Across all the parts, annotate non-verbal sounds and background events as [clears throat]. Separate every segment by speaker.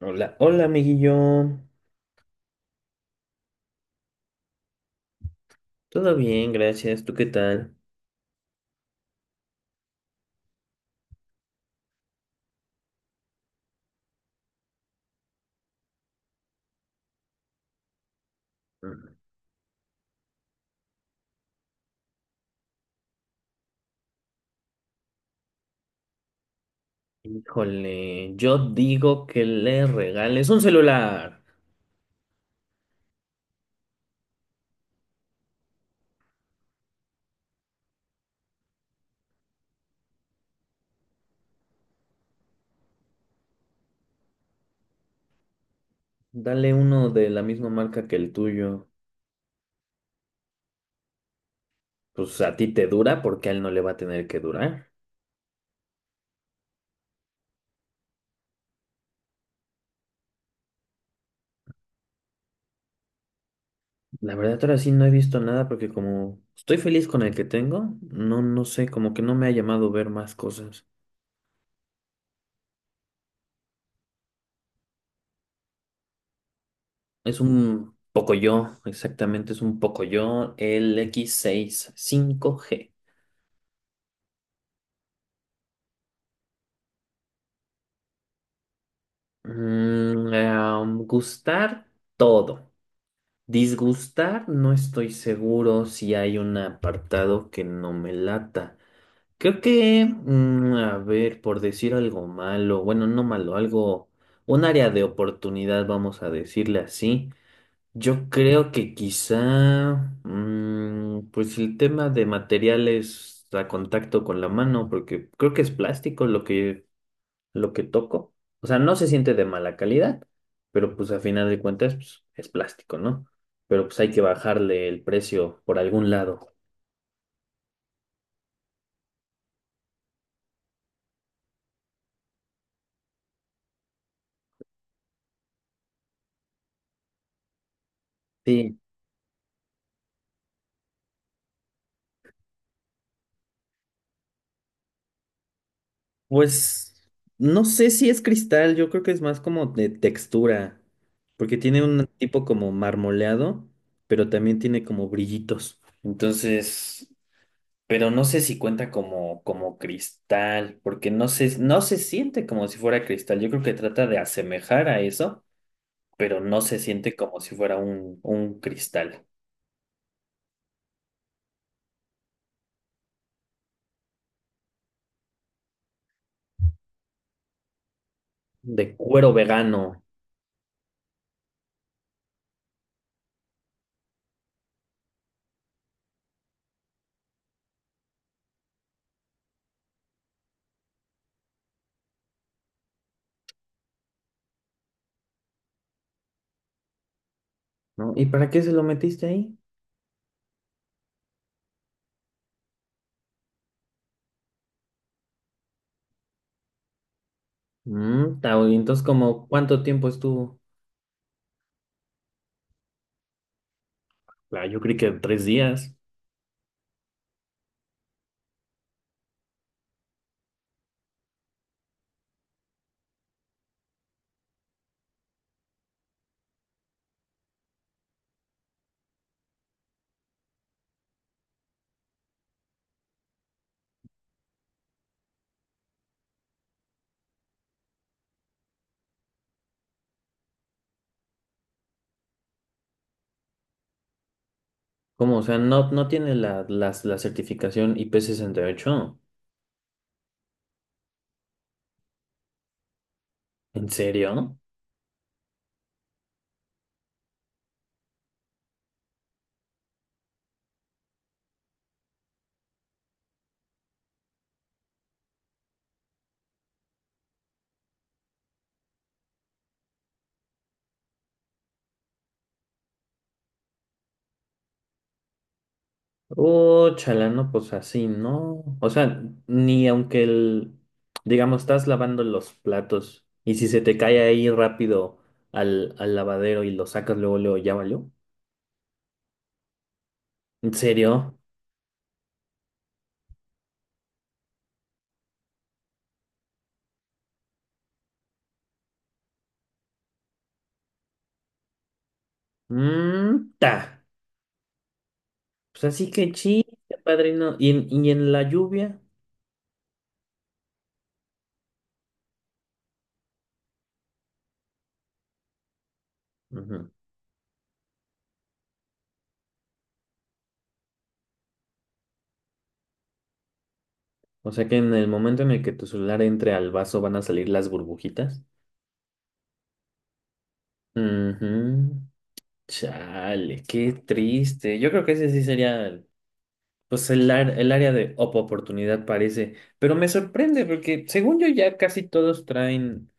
Speaker 1: Hola, hola amiguillo. Todo bien, gracias. ¿Tú qué tal? Híjole, yo digo que le regales un celular. Dale uno de la misma marca que el tuyo. Pues a ti te dura porque a él no le va a tener que durar. La verdad, ahora sí no he visto nada porque como estoy feliz con el que tengo, no, no sé, como que no me ha llamado ver más cosas. Es un poco yo, exactamente, es un poco yo, el X65G. Gustar todo. Disgustar, no estoy seguro si hay un apartado que no me lata. Creo que, a ver, por decir algo malo, bueno, no malo, algo, un área de oportunidad, vamos a decirle así. Yo creo que quizá, pues el tema de materiales a contacto con la mano, porque creo que es plástico lo que toco. O sea, no se siente de mala calidad, pero pues a final de cuentas pues, es plástico, ¿no? Pero pues hay que bajarle el precio por algún lado. Sí, pues no sé si es cristal, yo creo que es más como de textura, porque tiene un tipo como marmoleado, pero también tiene como brillitos. Entonces, pero no sé si cuenta como, como cristal, porque no se, no se siente como si fuera cristal. Yo creo que trata de asemejar a eso, pero no se siente como si fuera un cristal de cuero vegano, ¿no? ¿Y para qué se lo metiste ahí? Y entonces, como, ¿cuánto tiempo estuvo? Ah, yo creí que 3 días. ¿Cómo? O sea, no, no tiene la certificación IP68. ¿En serio? Oh, chala, no, pues así, ¿no? O sea, ni aunque el, digamos, estás lavando los platos y si se te cae ahí rápido al lavadero y lo sacas luego, luego, ya valió. ¿En serio? Mm, ta. Pues así que chiste, padrino. ¿Y en la lluvia? Ujú. O sea que en el momento en el que tu celular entre al vaso van a salir las burbujitas. Ujú. Chale, qué triste. Yo creo que ese sí sería, pues, el área de oportunidad parece. Pero me sorprende porque según yo ya casi todos traen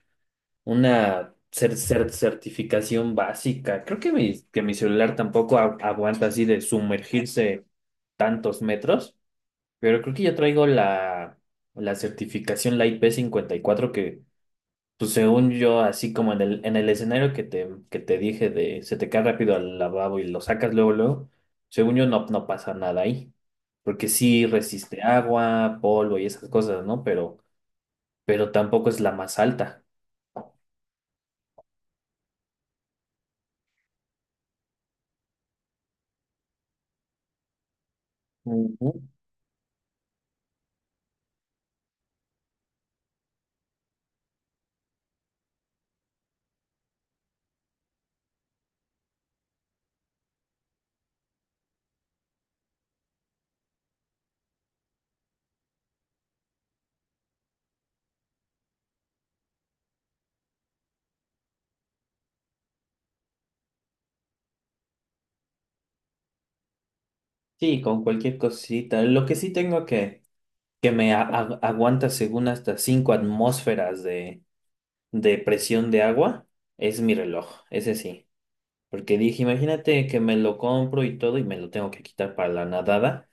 Speaker 1: una certificación básica. Creo que que mi celular tampoco aguanta así de sumergirse tantos metros, pero creo que yo traigo la, la certificación, la IP54, que pues según yo, así como en el escenario que que te dije de se te cae rápido al lavabo y lo sacas luego, luego, según yo no, no pasa nada ahí. Porque sí resiste agua, polvo y esas cosas, ¿no? Pero tampoco es la más alta. Sí, con cualquier cosita. Lo que sí tengo que me aguanta según hasta 5 atmósferas de presión de agua es mi reloj, ese sí. Porque dije, imagínate que me lo compro y todo y me lo tengo que quitar para la nadada.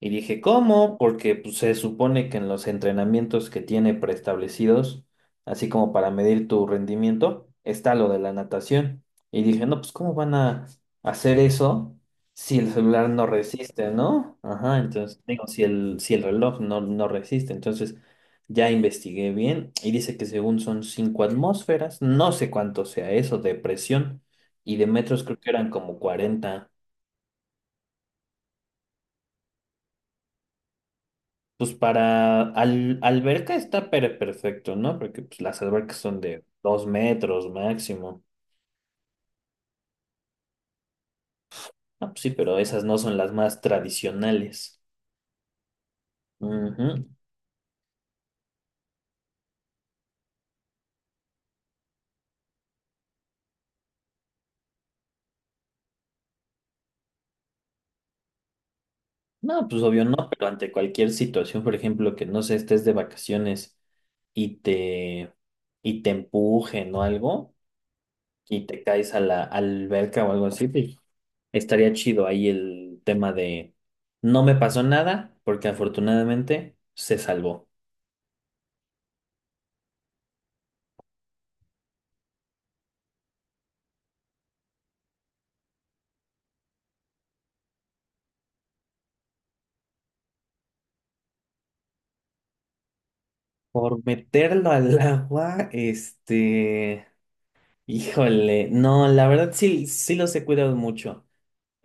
Speaker 1: Y dije, ¿cómo? Porque pues, se supone que en los entrenamientos que tiene preestablecidos, así como para medir tu rendimiento, está lo de la natación. Y dije, no, pues ¿cómo van a hacer eso si el celular no resiste, ¿no? Ajá, entonces digo, si si el reloj no, no resiste. Entonces ya investigué bien y dice que según son 5 atmósferas, no sé cuánto sea eso de presión y de metros creo que eran como 40. Pues para alberca está perfecto, ¿no? Porque pues, las albercas son de 2 metros máximo. Ah, pues sí, pero esas no son las más tradicionales. Ujú. No, pues obvio no, pero ante cualquier situación, por ejemplo, que no sé, estés de vacaciones y te, y te empujen o algo y te caes a la alberca o algo así, pues, estaría chido ahí el tema de no me pasó nada porque afortunadamente se salvó. Por meterlo al [laughs] agua, este, híjole, no, la verdad sí, sí los he cuidado mucho.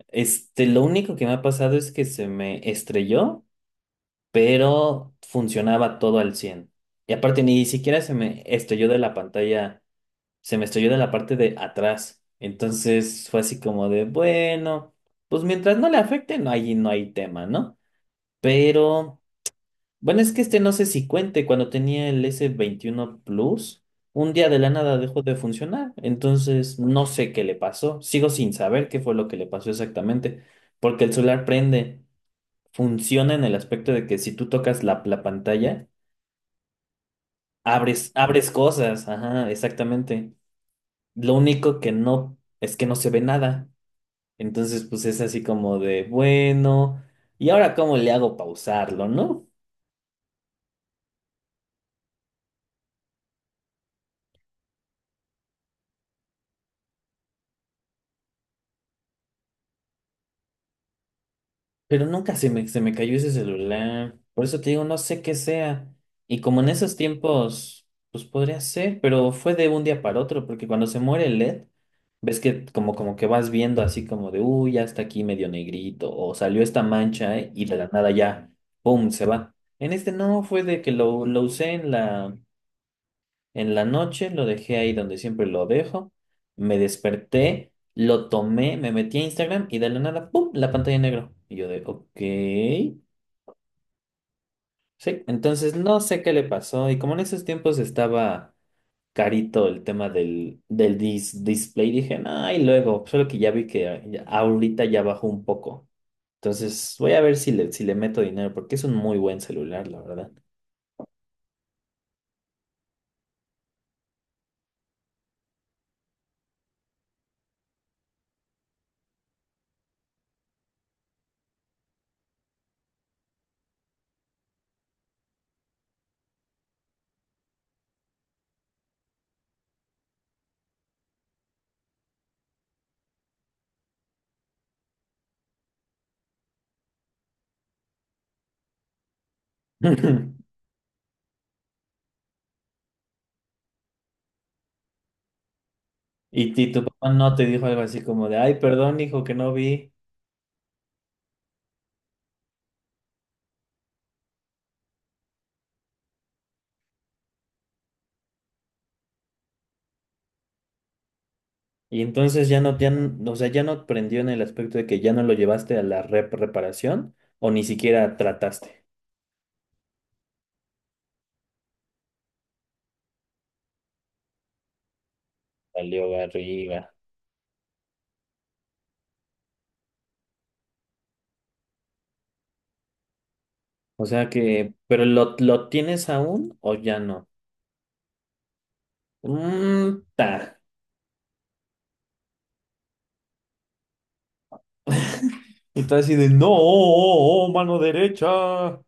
Speaker 1: Este, lo único que me ha pasado es que se me estrelló, pero funcionaba todo al 100. Y aparte ni siquiera se me estrelló de la pantalla, se me estrelló de la parte de atrás. Entonces fue así como de, bueno, pues mientras no le afecte, no hay, no hay tema, ¿no? Pero, bueno, es que este no sé si cuente, cuando tenía el S21 Plus, un día de la nada dejó de funcionar. Entonces no sé qué le pasó. Sigo sin saber qué fue lo que le pasó exactamente. Porque el celular prende, funciona en el aspecto de que si tú tocas la pantalla, abres, abres cosas. Ajá, exactamente. Lo único que no es que no se ve nada. Entonces, pues es así como de, bueno, ¿y ahora cómo le hago pausarlo, no? Pero nunca se me cayó ese celular. Por eso te digo, no sé qué sea. Y como en esos tiempos, pues podría ser, pero fue de un día para otro, porque cuando se muere el LED, ves que como, como que vas viendo así como de, uy, ya está aquí medio negrito, o salió esta mancha y de la nada ya, ¡pum!, se va. En este no, fue de que lo usé en la. En la noche lo dejé ahí donde siempre lo dejo. Me desperté, lo tomé, me metí a Instagram y de la nada, ¡pum! La pantalla en negro. Y yo de, ok. Sí, entonces no sé qué le pasó. Y como en esos tiempos estaba carito el tema del display, dije, nah, y luego, solo que ya vi que ahorita ya bajó un poco. Entonces voy a ver si le, si le meto dinero, porque es un muy buen celular, la verdad. [laughs] Y, ti tu papá no te dijo algo así como de, ay, perdón, hijo, que no vi. Y entonces ya no, ya, o sea, ya no prendió en el aspecto de que ya no lo llevaste a la reparación o ni siquiera trataste. Salió arriba. O sea que, pero lo tienes aún o ya no. Mm, ta. [laughs] Y tú así de, no, oh, oh, oh, mano derecha.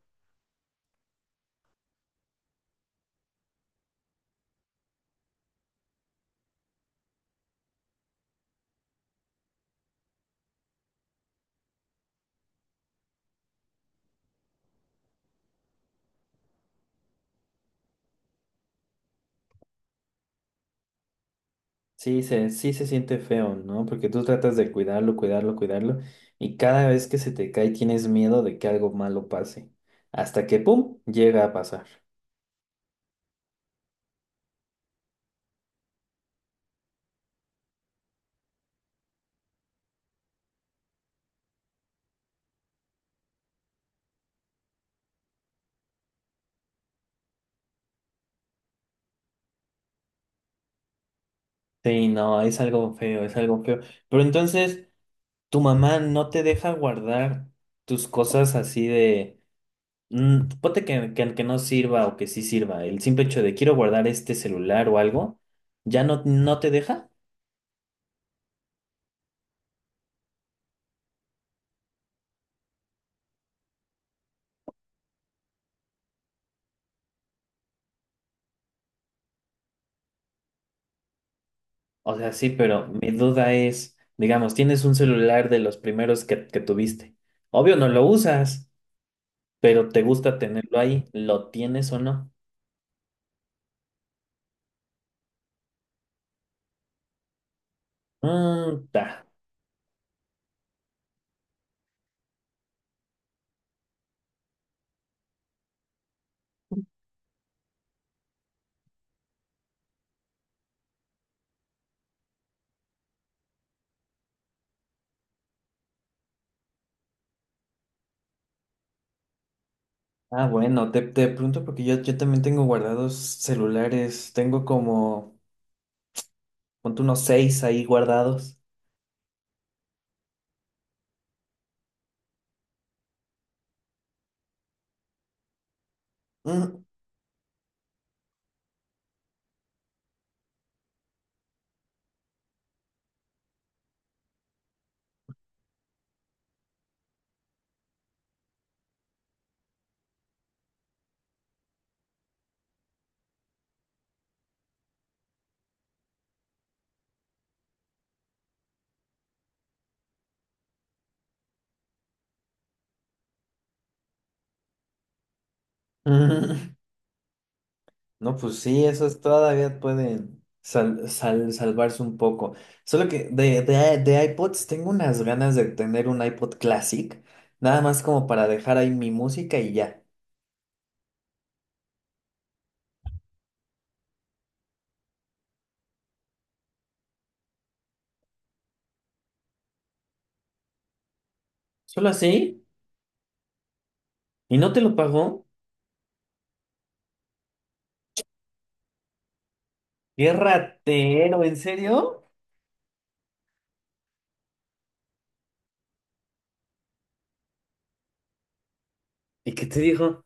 Speaker 1: Sí se siente feo, ¿no? Porque tú tratas de cuidarlo, cuidarlo, cuidarlo. Y cada vez que se te cae tienes miedo de que algo malo pase. Hasta que, ¡pum!, llega a pasar. Sí, no, es algo feo, es algo feo. Pero entonces, tu mamá no te deja guardar tus cosas así de, ponte que no sirva o que sí sirva. El simple hecho de quiero guardar este celular o algo, ¿ya no, no te deja? O sea, sí, pero mi duda es, digamos, tienes un celular de los primeros que tuviste. Obvio no lo usas, pero te gusta tenerlo ahí. ¿Lo tienes o no? Mm, ta. Ah, bueno, te pregunto porque yo también tengo guardados celulares, tengo como, ponte unos seis ahí guardados. Mm, [laughs] mm. No, pues sí, esos todavía pueden salvarse un poco. Solo que de iPods tengo unas ganas de tener un iPod Classic, nada más como para dejar ahí mi música y ya. ¿Solo así? ¿Y no te lo pagó? ¡Qué ratero! ¿En serio? ¿Y qué te dijo?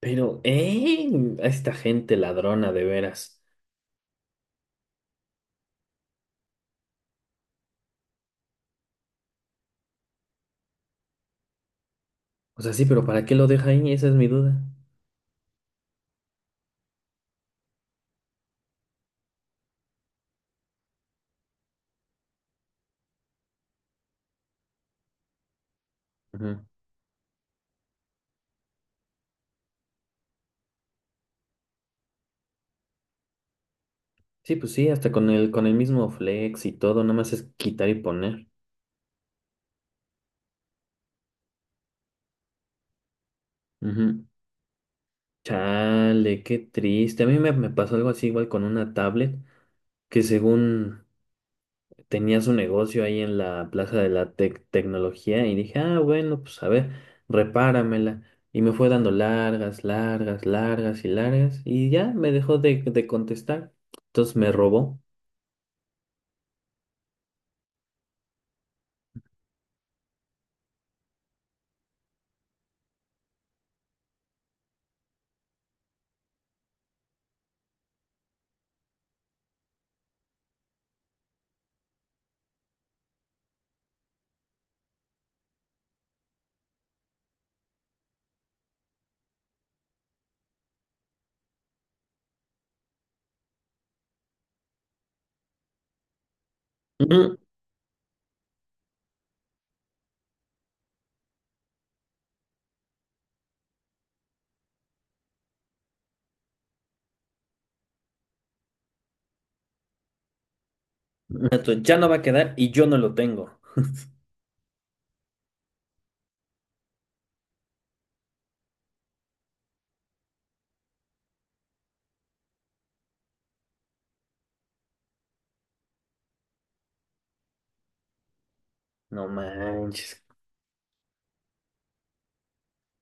Speaker 1: Pero, ¿eh? A esta gente ladrona, de veras. O sea, sí, pero ¿para qué lo deja ahí? Esa es mi duda. Ujú. Sí, pues sí, hasta con el mismo flex y todo, nada más es quitar y poner. Ujú. Chale, qué triste. A mí me pasó algo así igual con una tablet que según tenía su negocio ahí en la Plaza de la Tecnología y dije, ah, bueno, pues a ver, repáramela. Y me fue dando largas, largas, largas y largas y ya me dejó de contestar. Entonces me robó. [clears throat] Ujú. Entonces, ya no va a quedar y yo no lo tengo. No manches.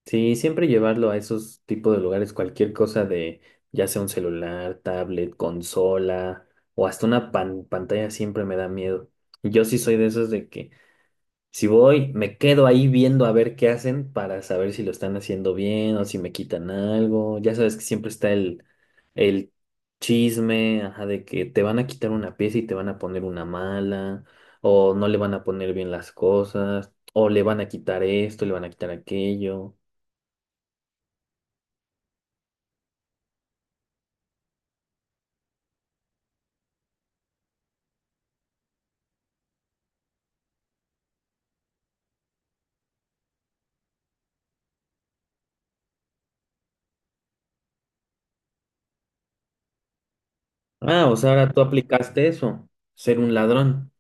Speaker 1: Sí, siempre llevarlo a esos tipos de lugares, cualquier cosa de, ya sea un celular, tablet, consola o hasta una pantalla siempre me da miedo. Y yo sí soy de esos de que si voy, me quedo ahí viendo a ver qué hacen para saber si lo están haciendo bien o si me quitan algo. Ya sabes que siempre está el chisme, ajá, de que te van a quitar una pieza y te van a poner una mala, o no le van a poner bien las cosas, o le van a quitar esto, le van a quitar aquello. Ah, o sea, ahora tú aplicaste eso, ser un ladrón.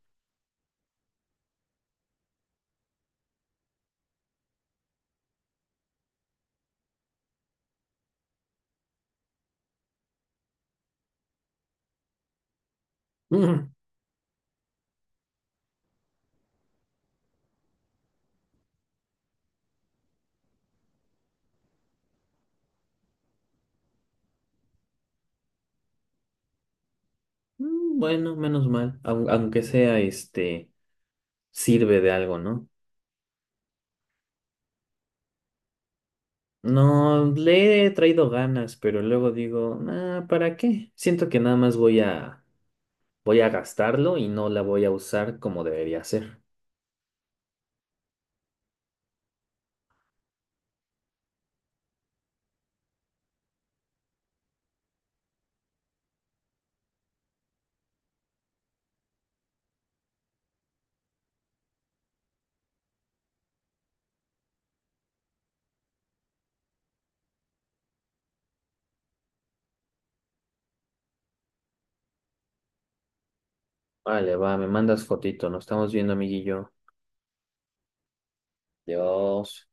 Speaker 1: Mm. Bueno, menos mal, aunque sea este, sirve de algo, ¿no? No, le he traído ganas, pero luego digo, "Ah, ¿para qué? Siento que nada más voy a gastarlo y no la voy a usar como debería ser". Vale, va, me mandas fotito, nos estamos viendo, amiguillo. Dios.